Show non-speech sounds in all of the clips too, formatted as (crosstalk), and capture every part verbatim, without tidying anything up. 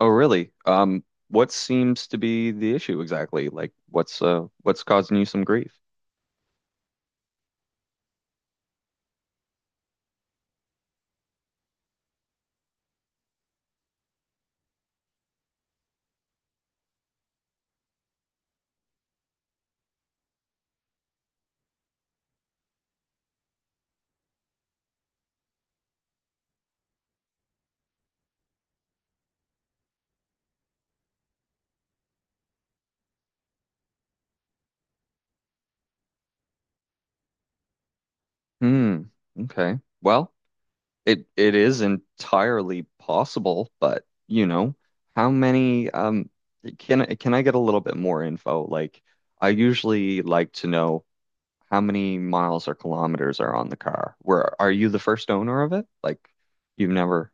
Oh, really? Um, what seems to be the issue exactly? Like, what's uh, what's causing you some grief? Hmm. Okay. Well, it it is entirely possible, but you know, how many? Um, can I can I get a little bit more info? Like, I usually like to know how many miles or kilometers are on the car. Where are you the first owner of it? Like, you've never.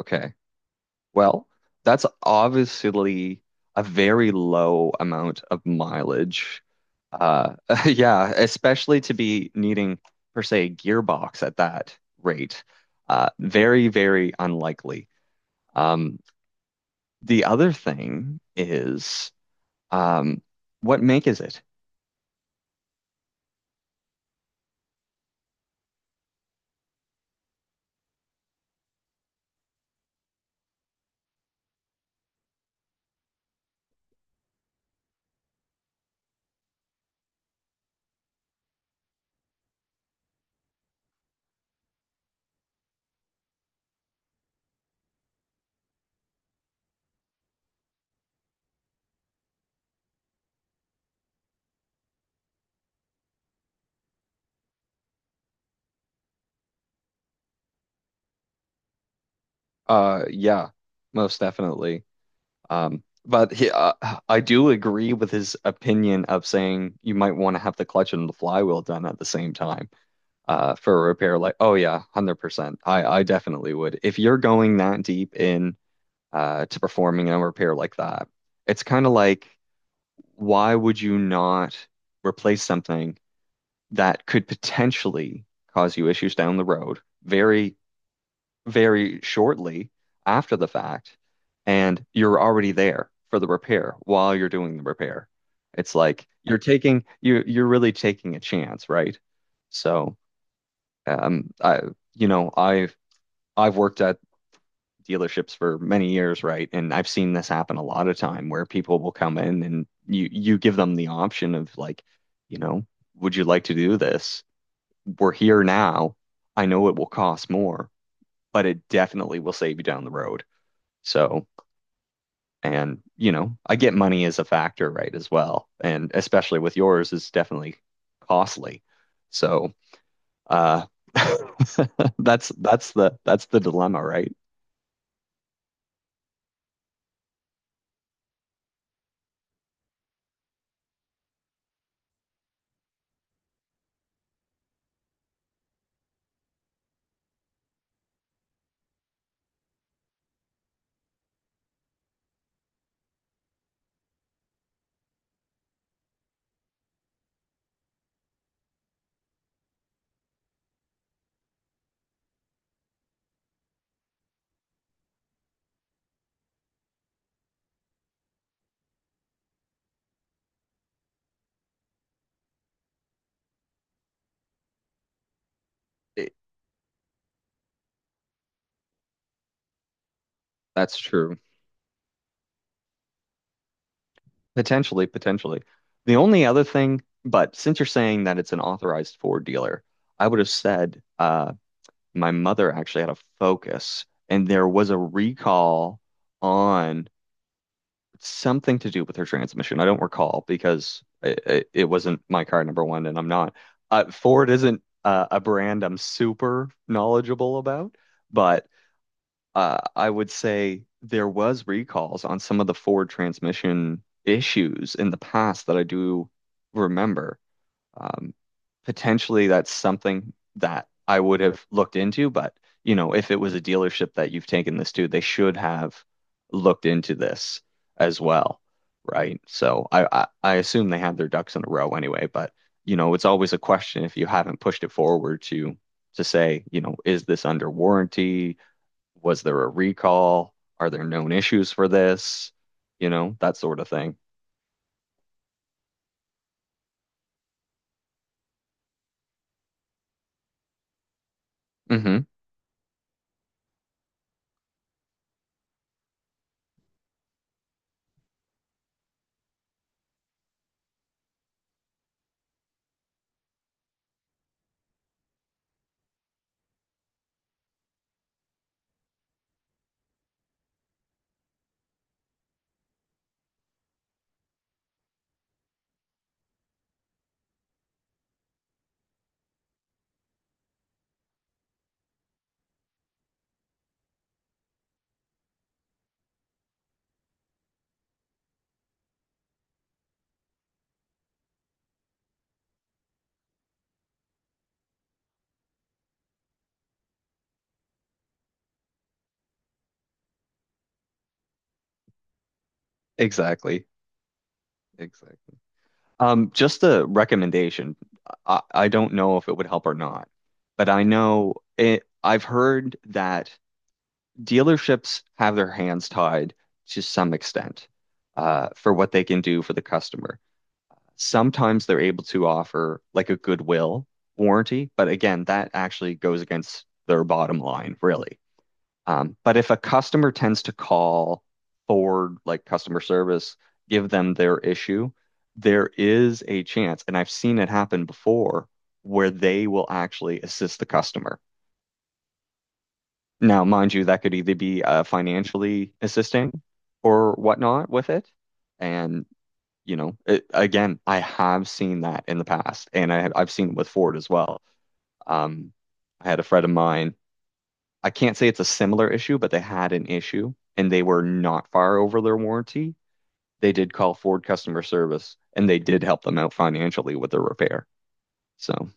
Okay. Well, that's obviously a very low amount of mileage. Uh, (laughs) yeah, especially to be needing, per se, a gearbox at that rate. Uh, very, very unlikely. Um, the other thing is, um, what make is it? Uh, yeah, most definitely. Um, but he, uh, I do agree with his opinion of saying you might want to have the clutch and the flywheel done at the same time. Uh, for a repair. Like, oh yeah, one hundred percent. I, I definitely would. If you're going that deep in uh, to performing a repair like that, it's kind of like, why would you not replace something that could potentially cause you issues down the road very, very shortly after the fact, and you're already there for the repair while you're doing the repair? It's like you're taking you're you're really taking a chance, right? So. Um, I, you know, I've I've worked at dealerships for many years, right? And I've seen this happen a lot of time where people will come in and you you give them the option of like, you know, would you like to do this? We're here now. I know it will cost more, but it definitely will save you down the road. So, and you know, I get money as a factor, right, as well. And especially with yours, is definitely costly. So, uh (laughs) that's that's the that's the dilemma, right? it- That's true. Potentially, potentially. The only other thing, but since you're saying that it's an authorized Ford dealer, I would have said uh, my mother actually had a Focus, and there was a recall on something to do with her transmission. I don't recall because it, it, it wasn't my car, number one, and I'm not. Uh, Ford isn't uh, a brand I'm super knowledgeable about, but uh, I would say there was recalls on some of the Ford transmission issues in the past that I do remember. Um, potentially, that's something that I would have looked into, but you know, if it was a dealership that you've taken this to, they should have looked into this as well, right? So I, I, I assume they had their ducks in a row anyway, but you know, it's always a question if you haven't pushed it forward to to say, you know, is this under warranty? Was there a recall? Are there known issues for this? You know, that sort of thing. Hmm. Exactly. Exactly. Um, just a recommendation. I, I don't know if it would help or not, but I know it, I've heard that dealerships have their hands tied to some extent, uh, for what they can do for the customer. Sometimes they're able to offer like a goodwill warranty, but again, that actually goes against their bottom line, really. Um, But if a customer tends to call Ford, like customer service, give them their issue, there is a chance, and I've seen it happen before, where they will actually assist the customer. Now, mind you, that could either be uh, financially assisting or whatnot with it. And, you know, it, again, I have seen that in the past, and I have, I've seen it with Ford as well. Um, I had a friend of mine. I can't say it's a similar issue, but they had an issue and they were not far over their warranty. They did call Ford customer service and they did help them out financially with the repair. So,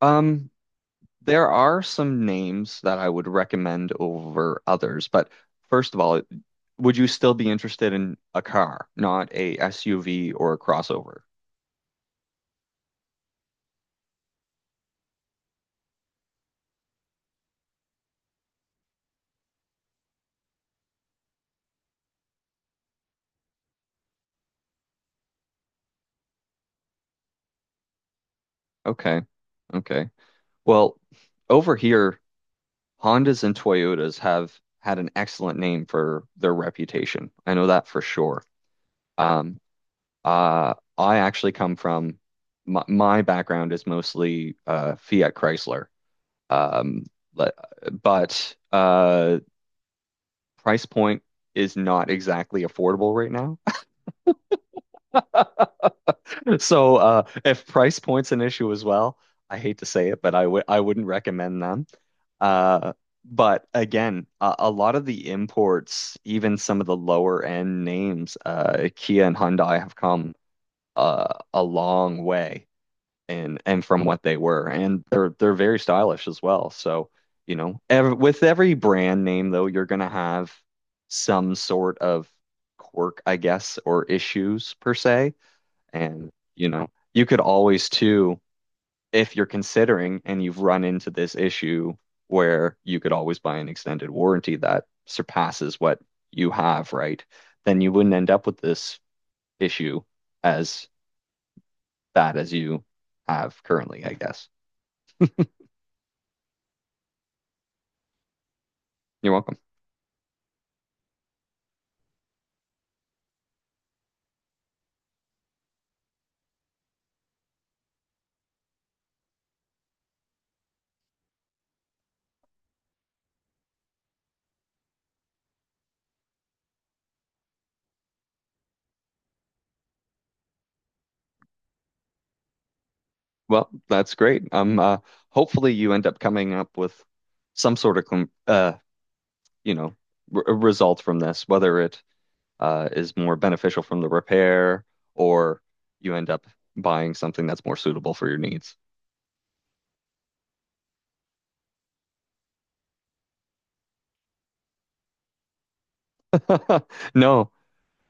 um, there are some names that I would recommend over others, but first of all, would you still be interested in a car, not a S U V or a crossover? Okay, okay. Well, over here, Hondas and Toyotas have had an excellent name for their reputation. I know that for sure. Um, uh, I actually come from my, my background is mostly uh, Fiat Chrysler. Um, but, but uh, price point is not exactly affordable right now. (laughs) So uh, if price point's an issue as well, I hate to say it, but I would I wouldn't recommend them. Uh, but again, a, a lot of the imports, even some of the lower end names, uh, Kia and Hyundai have come uh, a long way and and from what they were and they're they're very stylish as well, so you know, ev with every brand name, though, you're going to have some sort of quirk, I guess, or issues per se. And you know, you could always, too, if you're considering and you've run into this issue, where you could always buy an extended warranty that surpasses what you have, right? Then you wouldn't end up with this issue as bad as you have currently, I guess. You're welcome. Well, that's great. Um, uh, hopefully you end up coming up with some sort of com uh, you know, r result from this, whether it uh is more beneficial from the repair or you end up buying something that's more suitable for your needs. (laughs) No,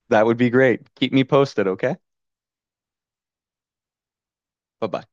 that would be great. Keep me posted, okay? Bye-bye.